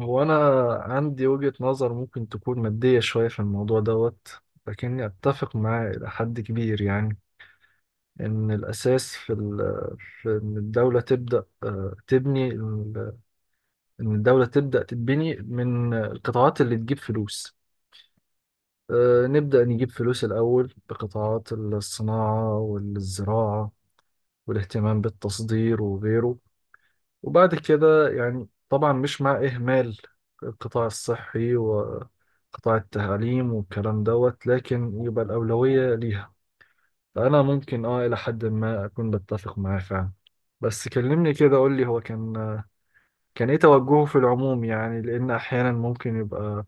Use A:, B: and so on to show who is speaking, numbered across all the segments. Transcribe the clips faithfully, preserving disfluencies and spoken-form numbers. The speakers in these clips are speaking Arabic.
A: هو أنا عندي وجهة نظر ممكن تكون مادية شوية في الموضوع دوت. لكني أتفق معاه إلى حد كبير، يعني إن الأساس في, ال- في إن الدولة تبدأ آه، تبني ال- إن الدولة تبدأ تتبني من القطاعات اللي تجيب فلوس. آه، نبدأ نجيب فلوس الأول بقطاعات الصناعة والزراعة والاهتمام بالتصدير وغيره. وبعد كده يعني طبعا مش مع إهمال القطاع الصحي وقطاع التعليم والكلام دوت، لكن يبقى الأولوية ليها. فأنا ممكن آه إلى حد ما أكون بتفق معاه فعلا. بس كلمني كده، قول لي هو كان كان إيه توجهه في العموم، يعني لأن أحيانا ممكن يبقى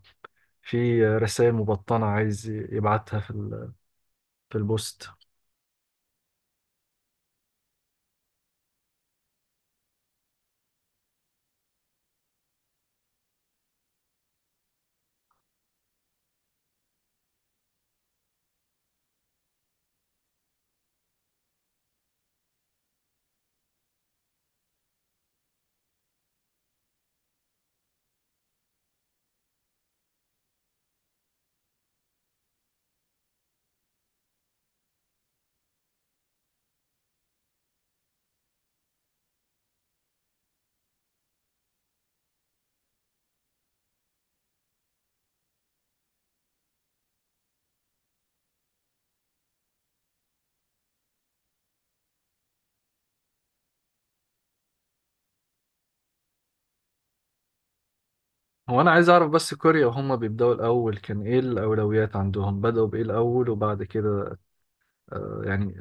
A: في رسائل مبطنة عايز يبعتها في ال- في البوست. هو أنا عايز أعرف بس كوريا وهم بيبدأوا الأول كان إيه الأولويات عندهم، بدأوا بإيه الأول وبعد كده آه، يعني.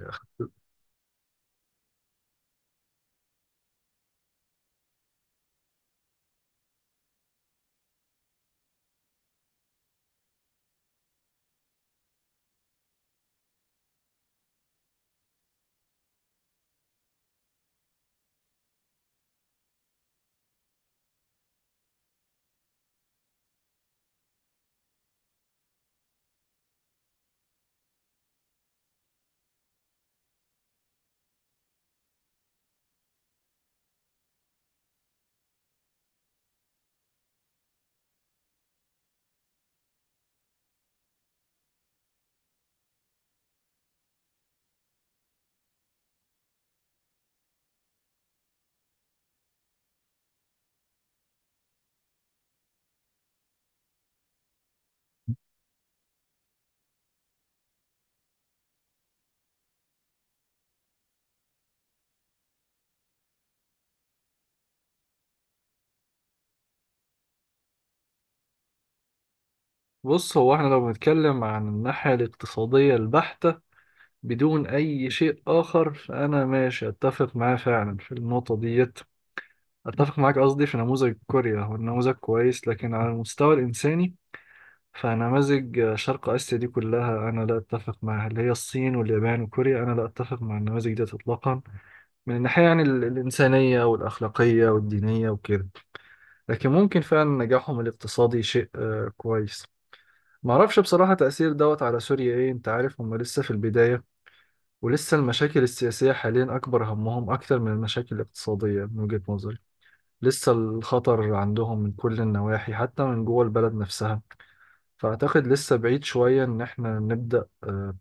A: بص هو احنا لو بنتكلم عن الناحية الاقتصادية البحتة بدون أي شيء آخر، فأنا ماشي أتفق معاه فعلا في النقطة ديت. أتفق معاك قصدي في نموذج كوريا، هو النموذج كويس لكن على المستوى الإنساني. فنماذج شرق آسيا دي كلها أنا لا أتفق معاها، اللي هي الصين واليابان وكوريا، أنا لا أتفق مع النماذج ديت إطلاقا، من الناحية يعني ال- الإنسانية والأخلاقية والدينية وكده. لكن ممكن فعلا نجاحهم الاقتصادي شيء آه، كويس. معرفش بصراحة تأثير دوت على سوريا ايه، انت عارف هم لسه في البداية، ولسه المشاكل السياسية حاليا أكبر همهم أكتر من المشاكل الاقتصادية من وجهة نظري. لسه الخطر عندهم من كل النواحي حتى من جوه البلد نفسها. فأعتقد لسه بعيد شوية إن احنا نبدأ آه،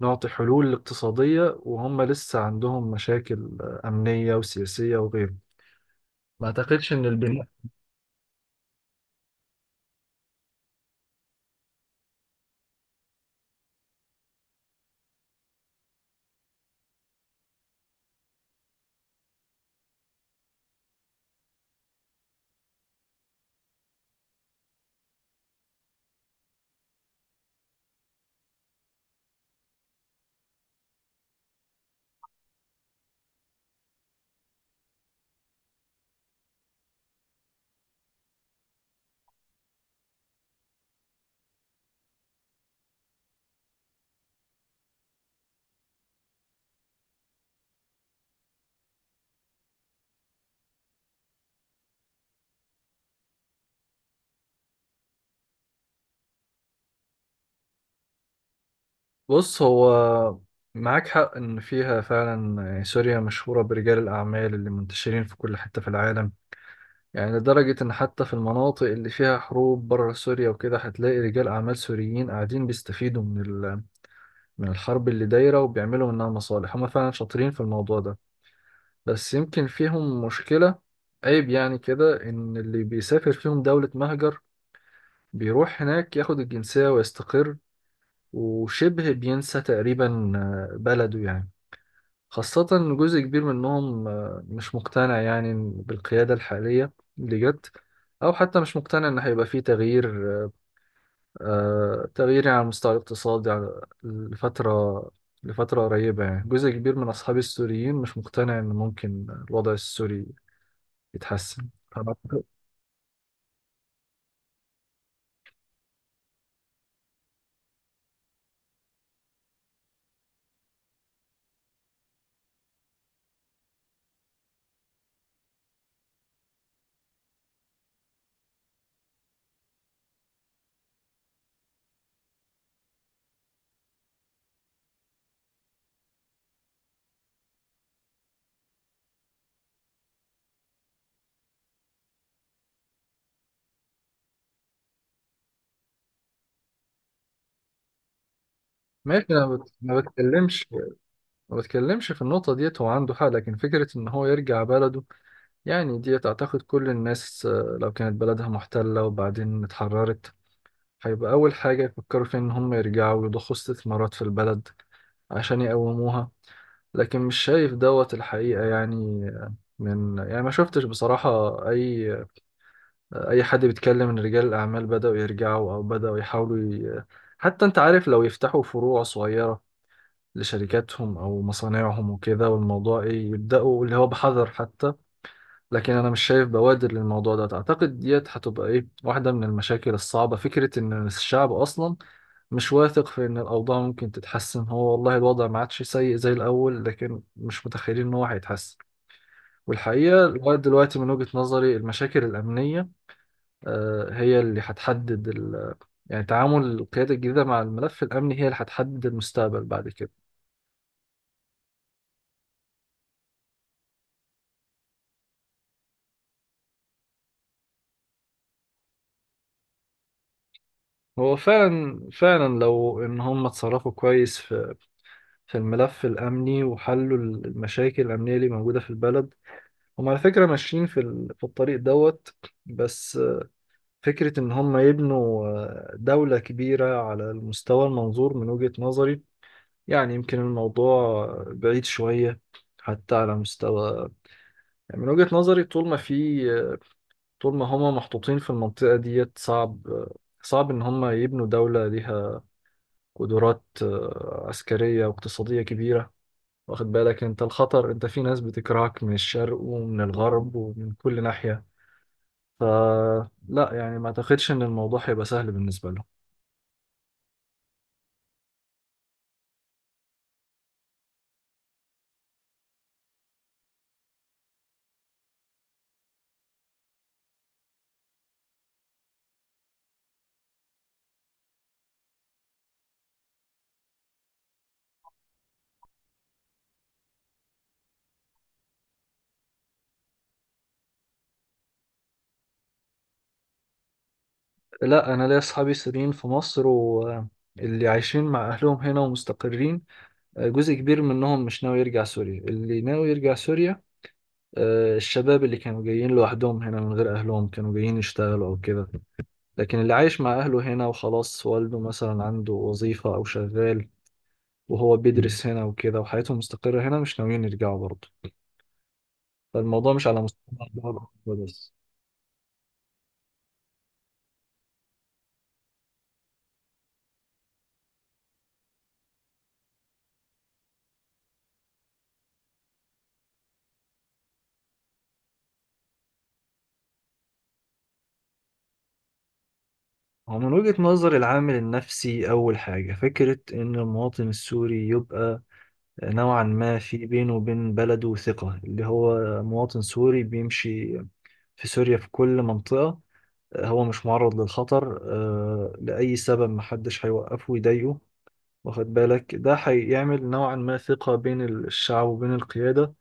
A: نعطي حلول اقتصادية وهم لسه عندهم مشاكل آه، أمنية وسياسية وغيره. ما أعتقدش إن البناء. بص هو معاك حق إن فيها فعلا، يعني سوريا مشهورة برجال الأعمال اللي منتشرين في كل حتة في العالم، يعني لدرجة إن حتى في المناطق اللي فيها حروب بره سوريا وكده هتلاقي رجال أعمال سوريين قاعدين بيستفيدوا من ال- من الحرب اللي دايرة وبيعملوا منها مصالح. هما فعلا شاطرين في الموضوع ده. بس يمكن فيهم مشكلة، عيب يعني كده، إن اللي بيسافر فيهم دولة مهجر بيروح هناك ياخد الجنسية ويستقر وشبه بينسى تقريبا آه، بلده يعني. خاصة إن جزء كبير منهم آه، مش مقتنع يعني بالقيادة الحالية اللي جت، أو حتى مش مقتنع إن هيبقى فيه تغيير آه، آه، تغيير يعني على المستوى الاقتصادي، على- لفترة لفترة قريبة. يعني جزء كبير من أصحابي السوريين مش مقتنع إن ممكن الوضع السوري يتحسن. فأعتقد- ماشي. أنا بت- ما بتكلمش ما بتكلمش في النقطة ديت، هو عنده حق، لكن فكرة إن هو يرجع بلده، يعني ديت أعتقد كل الناس آه، لو كانت بلدها محتلة وبعدين اتحررت هيبقى أول حاجة يفكروا فيها إن هم يرجعوا ويضخوا استثمارات في البلد عشان يقوموها. لكن مش شايف دوت الحقيقة يعني. من يعني ما شفتش بصراحة أي أي حد بيتكلم إن رجال الأعمال بدأوا يرجعوا أو بدأوا يحاولوا ي... حتى أنت عارف لو يفتحوا فروع صغيرة لشركاتهم أو مصانعهم وكده، والموضوع إيه، يبدأوا اللي هو بحذر حتى. لكن أنا مش شايف بوادر للموضوع ده. أعتقد ديت هتبقى إيه، واحدة من المشاكل الصعبة فكرة إن الشعب أصلا مش واثق في إن الأوضاع ممكن تتحسن. هو والله الوضع ما عادش سيء زي الأول، لكن مش متخيلين إن هو هيتحسن. والحقيقة لغاية دلوقتي من وجهة نظري المشاكل الأمنية آه، هي اللي هتحدد ال... يعني تعامل القيادة الجديدة مع الملف الأمني هي اللي هتحدد المستقبل بعد كده. هو فعلا فعلا لو إن هم اتصرفوا كويس في في الملف الأمني وحلوا المشاكل الأمنية اللي موجودة في البلد، هم على فكرة ماشيين في ال- في الطريق دوت. بس فكرة إن هم يبنوا آه، دولة كبيرة على المستوى المنظور من وجهة نظري، يعني يمكن الموضوع بعيد شوية، حتى على مستوى، يعني من وجهة نظري طول ما في آه، طول ما هم محطوطين في المنطقة ديت صعب آه، صعب إن هم يبنوا دولة ليها قدرات آه، عسكرية واقتصادية كبيرة. واخد بالك أنت الخطر، أنت في ناس بتكرهك من الشرق ومن الغرب ومن كل ناحية. فلا يعني ما أعتقدش إن الموضوع هيبقى سهل بالنسبة لهم. لا، انا ليا اصحابي سوريين في مصر واللي عايشين مع اهلهم هنا ومستقرين، آه، جزء كبير منهم مش ناوي يرجع سوريا. اللي ناوي يرجع سوريا آه، الشباب اللي كانوا جايين لوحدهم هنا من غير اهلهم، كانوا جايين يشتغلوا او كده. لكن اللي عايش مع اهله هنا وخلاص، والده مثلا عنده وظيفة او شغال، وهو بيدرس هنا وكده وحياته مستقرة هنا، مش ناويين يرجعوا برضه. فالموضوع مش على مستوى الدولة بس. هو من وجهة نظر العامل النفسي أول حاجة فكرة إن المواطن السوري يبقى نوعا ما في بينه وبين بلده ثقة، اللي هو مواطن سوري بيمشي في سوريا في كل منطقة هو مش معرض للخطر آه، لأي سبب، محدش هيوقفه ويضايقه. واخد بالك ده هيعمل نوعا ما ثقة بين الشعب وبين القيادة،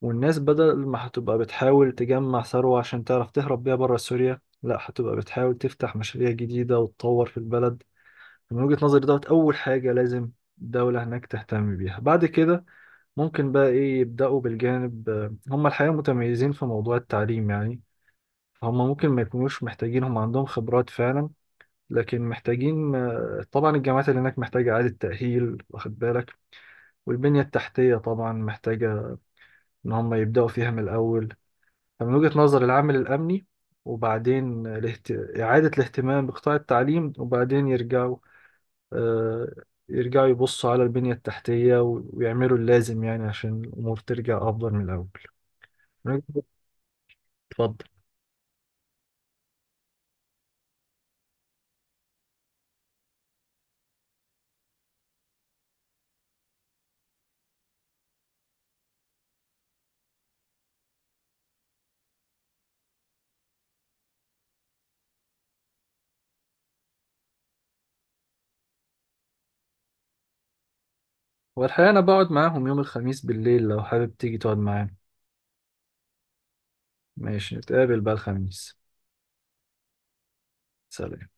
A: والناس بدل ما هتبقى بتحاول تجمع ثروة عشان تعرف تهرب بيها بره سوريا، لا، هتبقى بتحاول تفتح مشاريع جديدة وتطور في البلد. من وجهة نظري دوت أول حاجة لازم الدولة هناك تهتم بيها. بعد كده ممكن بقى ايه، يبدأوا بالجانب، هم الحقيقة متميزين في موضوع التعليم يعني، هم ممكن ما يكونوش محتاجين، هم عندهم خبرات فعلا. لكن محتاجين آه، طبعا الجامعات اللي هناك محتاجة إعادة تأهيل واخد بالك، والبنية التحتية طبعا محتاجة إن هم يبدأوا فيها من الأول. فمن وجهة نظر العامل الأمني، وبعدين الاهت... إعادة الاهتمام بقطاع التعليم، وبعدين يرجعوا آه، يرجعوا يبصوا على البنية التحتية و- ويعملوا اللازم يعني عشان الأمور ترجع أفضل من الأول. اتفضل. والحقيقة أنا بقعد معاهم يوم الخميس بالليل لو حابب تيجي تقعد معانا. ماشي، نتقابل بقى الخميس. سلام.